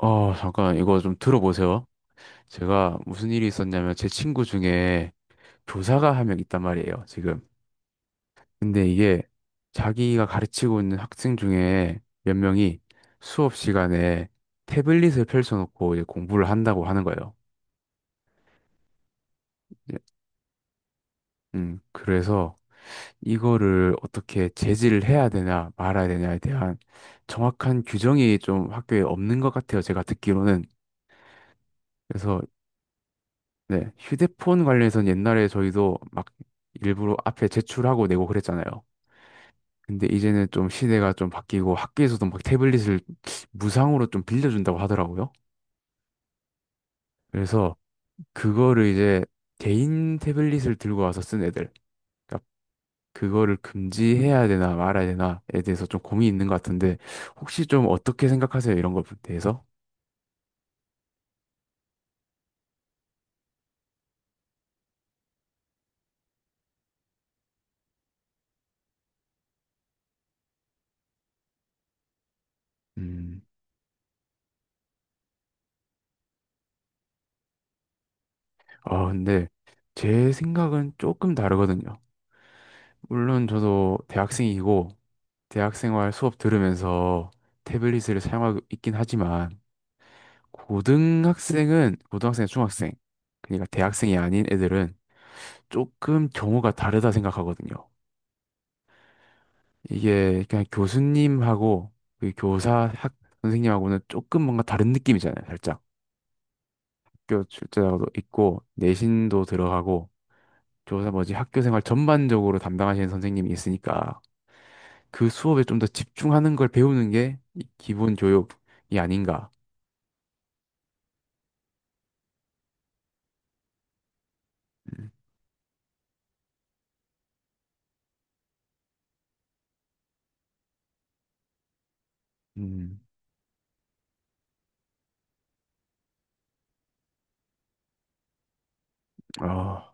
잠깐, 이거 좀 들어보세요. 제가 무슨 일이 있었냐면, 제 친구 중에 교사가 한 명 있단 말이에요, 지금. 근데 이게 자기가 가르치고 있는 학생 중에 몇 명이 수업 시간에 태블릿을 펼쳐놓고 이제 공부를 한다고 하는 거예요. 예. 그래서 이거를 어떻게 제지를 해야 되나 말아야 되냐에 대한 정확한 규정이 좀 학교에 없는 것 같아요, 제가 듣기로는. 그래서 네, 휴대폰 관련해서는 옛날에 저희도 막 일부러 앞에 제출하고 내고 그랬잖아요. 근데 이제는 좀 시대가 좀 바뀌고 학교에서도 막 태블릿을 무상으로 좀 빌려준다고 하더라고요. 그래서 그거를 이제 개인 태블릿을 들고 와서 쓴 애들, 그러니까 그거를 금지해야 되나 말아야 되나에 대해서 좀 고민이 있는 것 같은데 혹시 좀 어떻게 생각하세요? 이런 것에 대해서? 음, 아, 근데 제 생각은 조금 다르거든요. 물론 저도 대학생이고 대학생활 수업 들으면서 태블릿을 사용하고 있긴 하지만 고등학생은 고등학생, 중학생 그러니까 대학생이 아닌 애들은 조금 경우가 다르다 생각하거든요. 이게 그냥 교수님하고 그 교사 학 선생님하고는 조금 뭔가 다른 느낌이잖아요. 살짝 학교 출제자도 있고 내신도 들어가고 교사 뭐지 학교 생활 전반적으로 담당하시는 선생님이 있으니까 그 수업에 좀 더 집중하는 걸 배우는 게이 기본 교육이 아닌가. 음. 음. 아.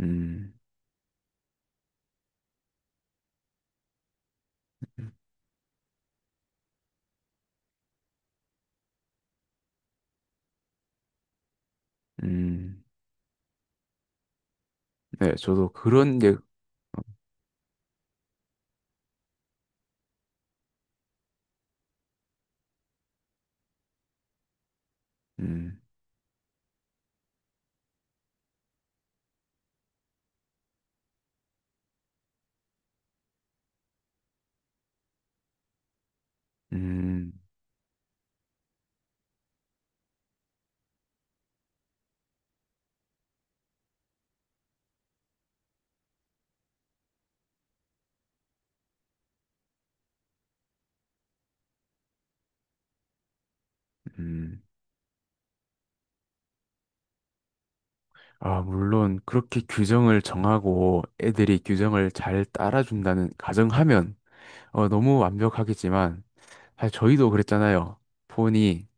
음. 음. 네, 저도 그런 게, 음. 음. 음. 아. 물론 그렇게 규정을 정하고 애들이 규정을 잘 따라준다는 가정하면 너무 완벽하겠지만 사실 저희도 그랬잖아요. 폰이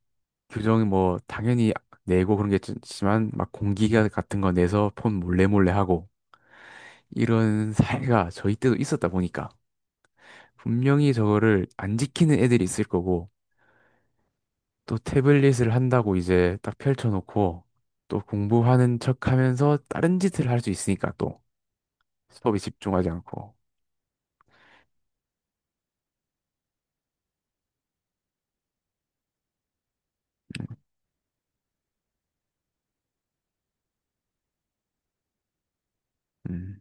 규정 뭐 당연히 내고 그런 게 있지만 막 공기가 같은 거 내서 폰 몰래 몰래 하고 이런 사례가 저희 때도 있었다 보니까 분명히 저거를 안 지키는 애들이 있을 거고 또 태블릿을 한다고 이제 딱 펼쳐놓고 또 공부하는 척 하면서 다른 짓을 할 수 있으니까 또 수업에 집중하지 않고. 음. 음.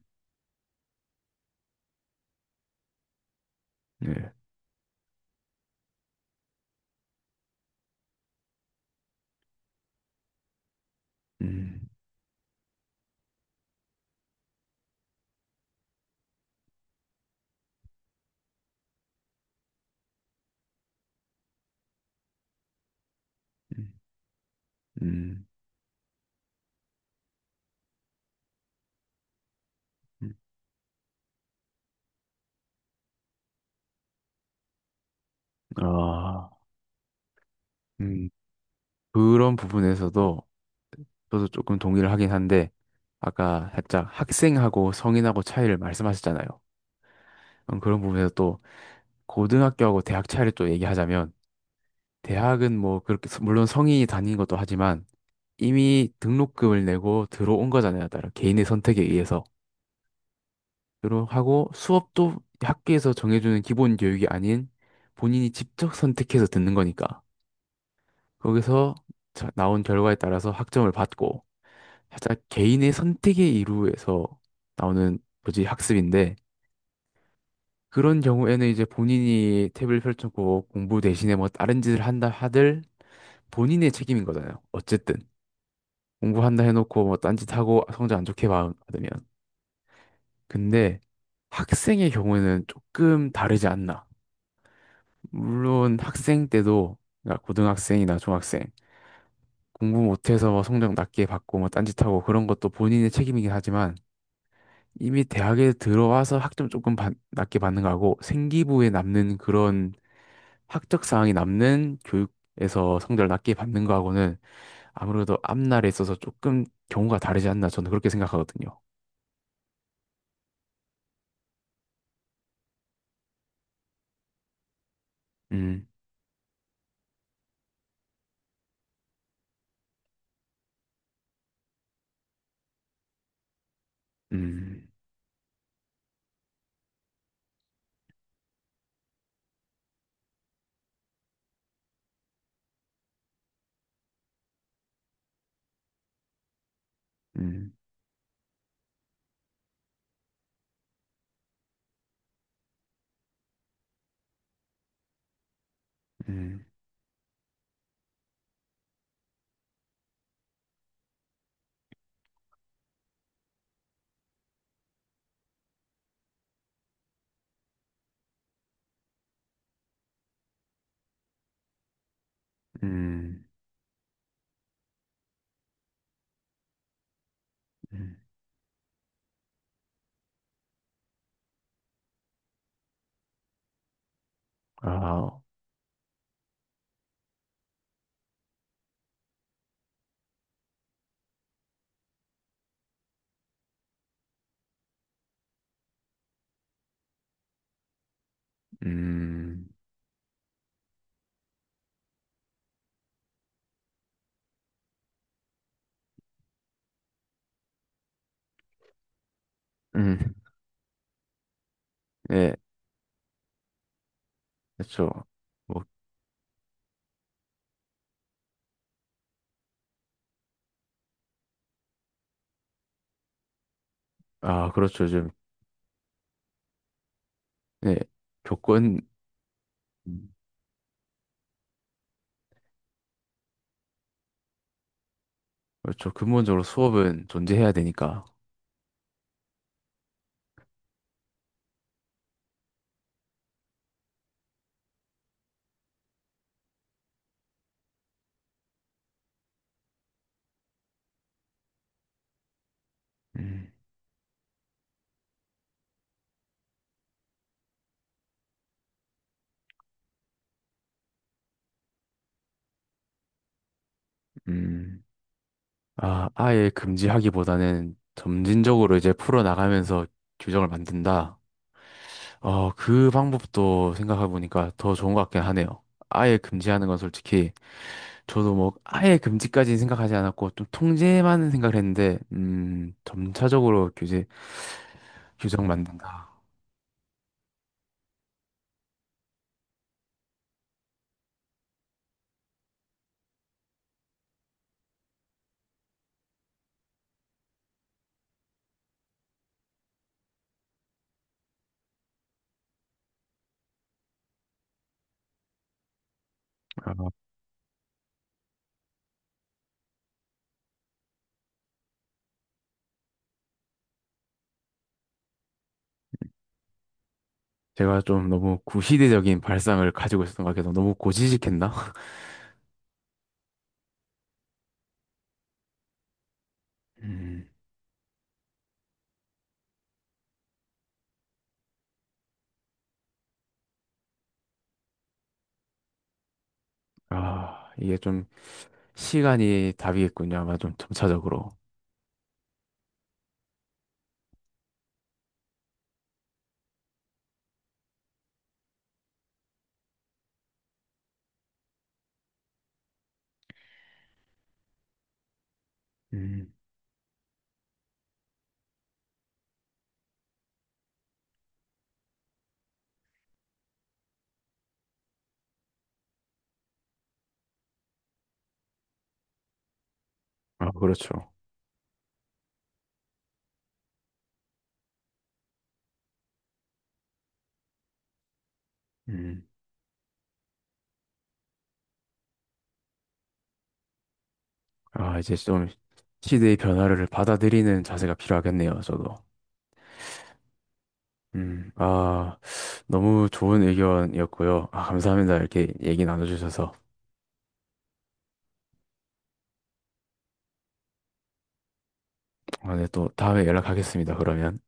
네. 음. 음. 음. 음. 아. 음. 그런 부분에서도 저도 조금 동의를 하긴 한데 아까 살짝 학생하고 성인하고 차이를 말씀하셨잖아요. 그런 부분에서 또 고등학교하고 대학 차이를 또 얘기하자면, 대학은 뭐 그렇게, 물론 성인이 다니는 것도 하지만, 이미 등록금을 내고 들어온 거잖아요. 따라 개인의 선택에 의해서. 들어하고 수업도 학교에서 정해주는 기본 교육이 아닌 본인이 직접 선택해서 듣는 거니까. 거기서 나온 결과에 따라서 학점을 받고, 살짝 개인의 선택의 이루에서 나오는 뭐지 학습인데 그런 경우에는 이제 본인이 탭을 펼쳤고 공부 대신에 뭐 다른 짓을 한다 하들 본인의 책임인 거잖아요. 어쨌든 공부한다 해놓고 뭐 딴짓하고 성적 안 좋게 받으면. 근데 학생의 경우에는 조금 다르지 않나. 물론 학생 때도 그러니까 고등학생이나 중학생 공부 못해서 뭐 성적 낮게 받고 뭐 딴짓하고 그런 것도 본인의 책임이긴 하지만 이미 대학에 들어와서 학점 조금 낮게 받는 거하고 생기부에 남는 그런 학적 사항이 남는 교육에서 성적을 낮게 받는 거하고는 아무래도 앞날에 있어서 조금 경우가 다르지 않나 저는 그렇게 생각하거든요. 음. 음. 음. 음. 음. 음. 아. 음. 음. 네, 그렇죠. 뭐. 아, 그렇죠. 요즘. 네. 교권. 음. 그렇죠. 근본적으로 수업은 존재해야 되니까. 음. 음. 아, 아예 금지하기보다는 점진적으로 이제 풀어나가면서 규정을 만든다. 그 방법도 생각해보니까 더 좋은 것 같긴 하네요. 아예 금지하는 건 솔직히 저도 뭐 아예 금지까지 생각하지 않았고 좀 통제만 생각을 했는데 점차적으로 규제 규정 만든다. 아, 제가 좀 너무 구시대적인 발상을 가지고 있었던 것 같아서 너무 고지식했나? 음. 아, 이게 좀 시간이 답이겠군요. 아마 좀 점차적으로. 음. 아, 그렇죠. 음. 아, 이제 좀 시대의 변화를 받아들이는 자세가 필요하겠네요, 저도. 음. 아, 너무 좋은 의견이었고요. 아, 감사합니다. 이렇게 얘기 나눠주셔서. 아, 네, 또 다음에 연락하겠습니다, 그러면.